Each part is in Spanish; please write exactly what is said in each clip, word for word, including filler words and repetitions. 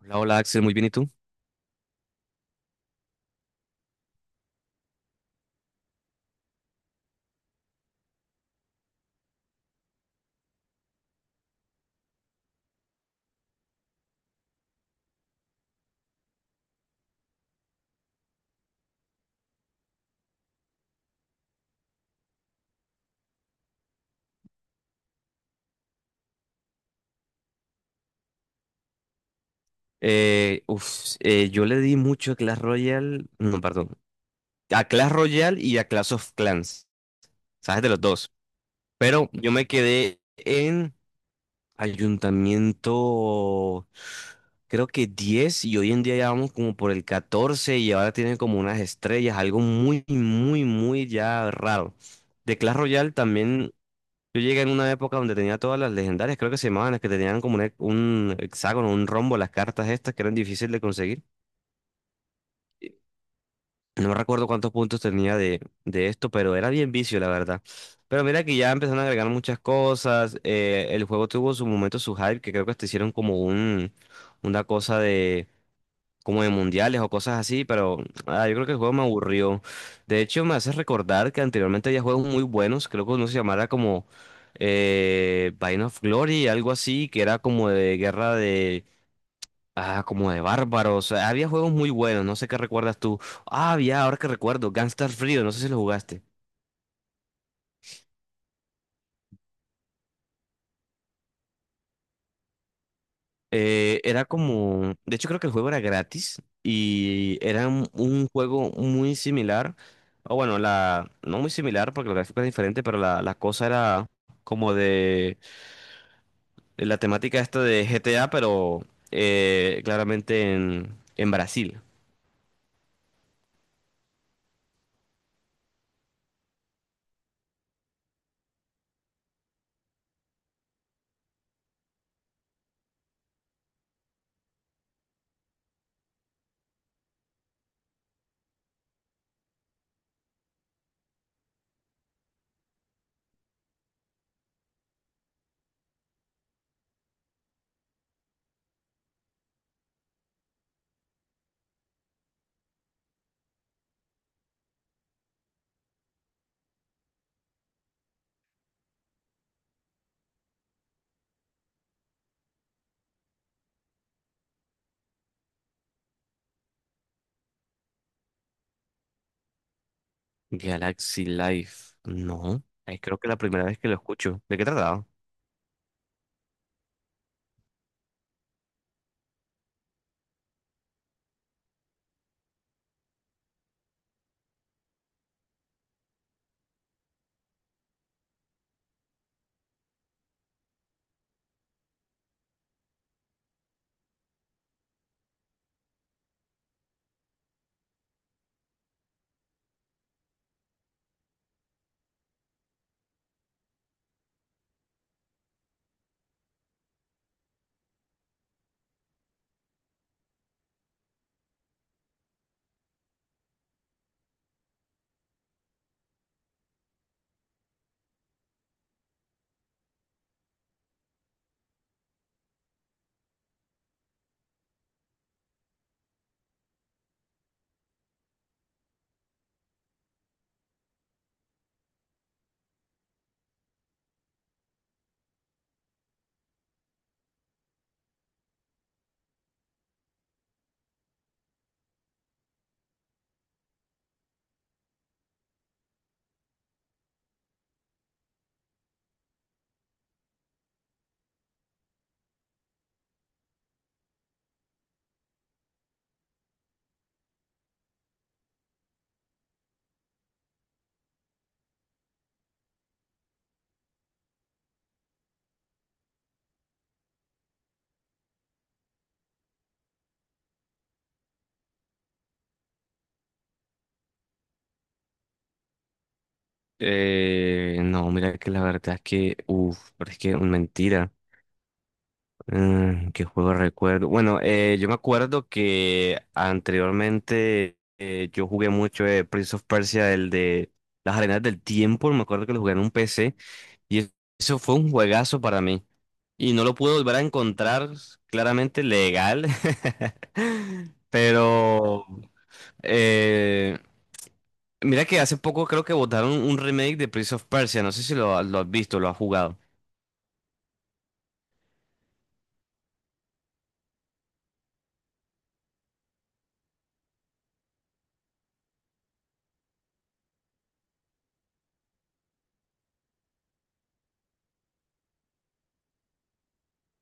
Hola, hola Axel, muy bien, ¿y tú? Eh, uf, eh, yo le di mucho a Clash Royale, no, perdón, a Clash Royale y a Clash of Clans, ¿sabes? De los dos. Pero yo me quedé en Ayuntamiento, creo que diez, y hoy en día ya vamos como por el catorce y ahora tienen como unas estrellas, algo muy, muy, muy ya raro. De Clash Royale también yo llegué en una época donde tenía todas las legendarias, creo que se llamaban las que tenían como un, he- un hexágono, un rombo, las cartas estas que eran difíciles de conseguir. Y no recuerdo cuántos puntos tenía de, de esto, pero era bien vicio, la verdad. Pero mira que ya empezaron a agregar muchas cosas. Eh, el juego tuvo su momento, su hype, que creo que hasta hicieron como un, una cosa como de mundiales o cosas así, pero ah, yo creo que el juego me aburrió. De hecho, me hace recordar que anteriormente había juegos muy buenos, creo que uno se llamara como eh, Vine of Glory, algo así, que era como de guerra de... Ah, como de bárbaros. Había juegos muy buenos, no sé qué recuerdas tú. Ah, había, ahora que recuerdo, Gangstar Frío, no sé si lo jugaste. Eh, era como, de hecho creo que el juego era gratis y era un, un juego muy similar, o bueno, la, no muy similar porque el gráfico es diferente, pero la, la cosa era como de, de la temática esta de G T A, pero eh, claramente en, en Brasil. Galaxy Life, no, eh, creo que es la primera vez que lo escucho. ¿De qué trataba? Eh, no, mira que la verdad es que, uff, pero es que mentira. Mm, ¿qué juego recuerdo? Bueno, eh, yo me acuerdo que anteriormente eh, yo jugué mucho, eh, Prince of Persia, el de las arenas del tiempo. Me acuerdo que lo jugué en un P C y es- eso fue un juegazo para mí. Y no lo pude volver a encontrar claramente legal, pero eh, mira que hace poco creo que botaron un remake de Prince of Persia. No sé si lo, lo has visto, lo has jugado.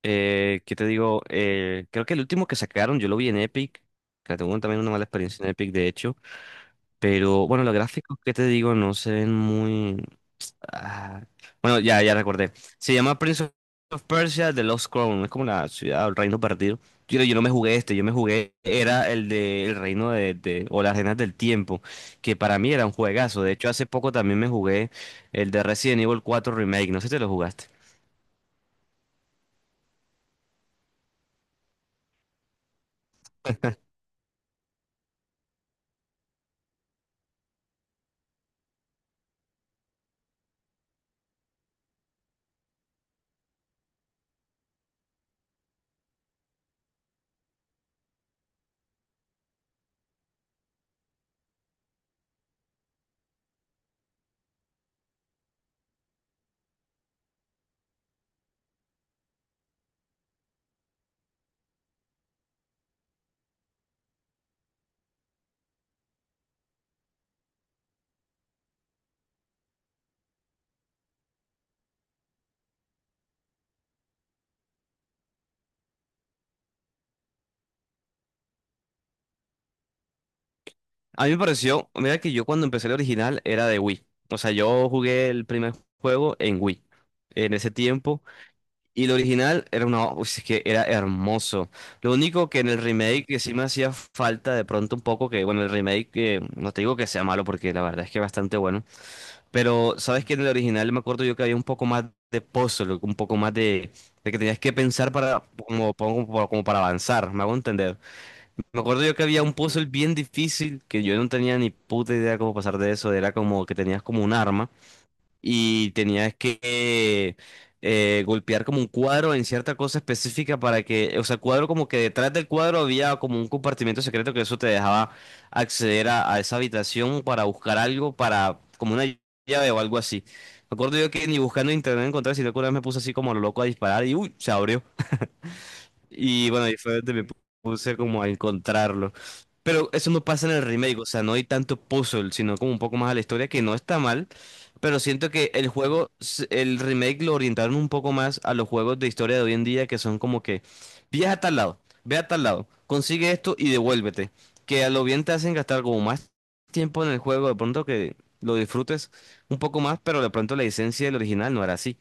Eh, ¿qué te digo? Eh, creo que el último que sacaron, yo lo vi en Epic. Que tengo también una mala experiencia en Epic, de hecho. Pero bueno, los gráficos, ¿qué te digo? No se ven muy. ah, Bueno, ya, ya recordé. Se llama Prince of Persia The Lost Crown. Es como la ciudad o el reino perdido. Yo, yo no me jugué este, yo me jugué. Era el de el reino de, de- o las arenas del tiempo. Que para mí era un juegazo. De hecho, hace poco también me jugué el de Resident Evil cuatro Remake. No sé si te lo jugaste. A mí me pareció, mira que yo cuando empecé el original era de Wii. O sea, yo jugué el primer juego en Wii en ese tiempo y el original era una, uy, es que era hermoso. Lo único que en el remake que sí me hacía falta de pronto un poco que bueno, el remake que no te digo que sea malo porque la verdad es que es bastante bueno, pero sabes que en el original me acuerdo yo que había un poco más de puzzle, un poco más de, de que tenías que pensar para como, como como para avanzar, me hago entender. Me acuerdo yo que había un puzzle bien difícil que yo no tenía ni puta idea cómo pasar de eso. Era como que tenías como un arma y tenías que eh, golpear como un cuadro en cierta cosa específica para que, o sea, cuadro como que detrás del cuadro había como un compartimento secreto que eso te dejaba acceder a, a esa habitación para buscar algo, para como una llave o algo así. Me acuerdo yo que ni buscando en internet encontré, sino que una vez me puse así como lo loco a disparar y uy, se abrió. Y bueno, ahí fue donde me puse como a encontrarlo. Pero eso no pasa en el remake, o sea, no hay tanto puzzle, sino como un poco más a la historia, que no está mal, pero siento que el juego, s- el remake lo orientaron un poco más a los juegos de historia de hoy en día, que son como que, viaja a tal lado, ve a tal lado, consigue esto y devuélvete. Que a lo bien te hacen gastar como más tiempo en el juego, de pronto que lo disfrutes un poco más, pero de pronto la esencia del original no era así.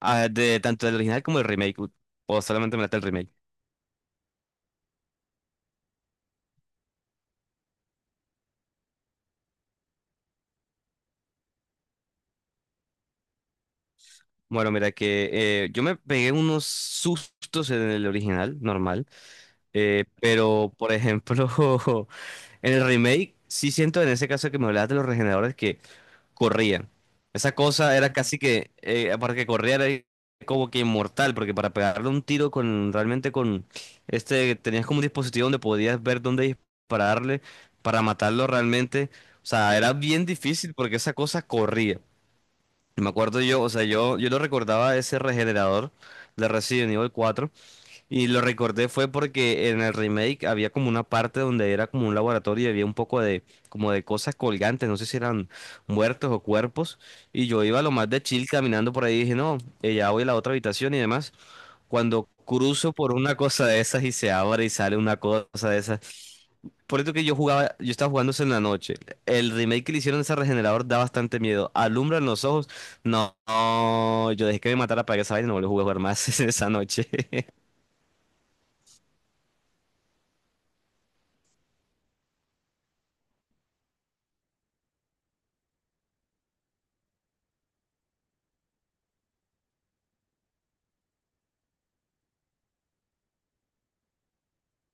Ah, de, tanto del original como el remake, o solamente me late el remake. Bueno, mira que eh, yo me pegué unos sustos en el original, normal, eh, pero por ejemplo, en el remake sí siento en ese caso que me hablabas de los regeneradores que corrían. Esa cosa era casi que, eh, para que corriera era como que inmortal, porque para pegarle un tiro con realmente con este, tenías como un dispositivo donde podías ver dónde dispararle para matarlo realmente. O sea, era bien difícil porque esa cosa corría. Me acuerdo yo, o sea, yo, yo lo recordaba ese regenerador de Resident Evil cuatro y lo recordé fue porque en el remake había como una parte donde era como un laboratorio y había un poco de como de cosas colgantes, no sé si eran muertos o cuerpos, y yo iba lo más de chill caminando por ahí y dije, no, eh, ya voy a la otra habitación y demás. Cuando cruzo por una cosa de esas y se abre y sale una cosa de esas, por eso que yo jugaba, yo estaba jugando eso en la noche. El remake que le hicieron a ese regenerador da bastante miedo. Alumbra en los ojos. No, no, yo dejé que me matara para que esa vaina y no volví a jugar más esa noche.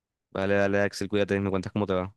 Vale, dale, Axel, cuídate, me cuentas cómo te va.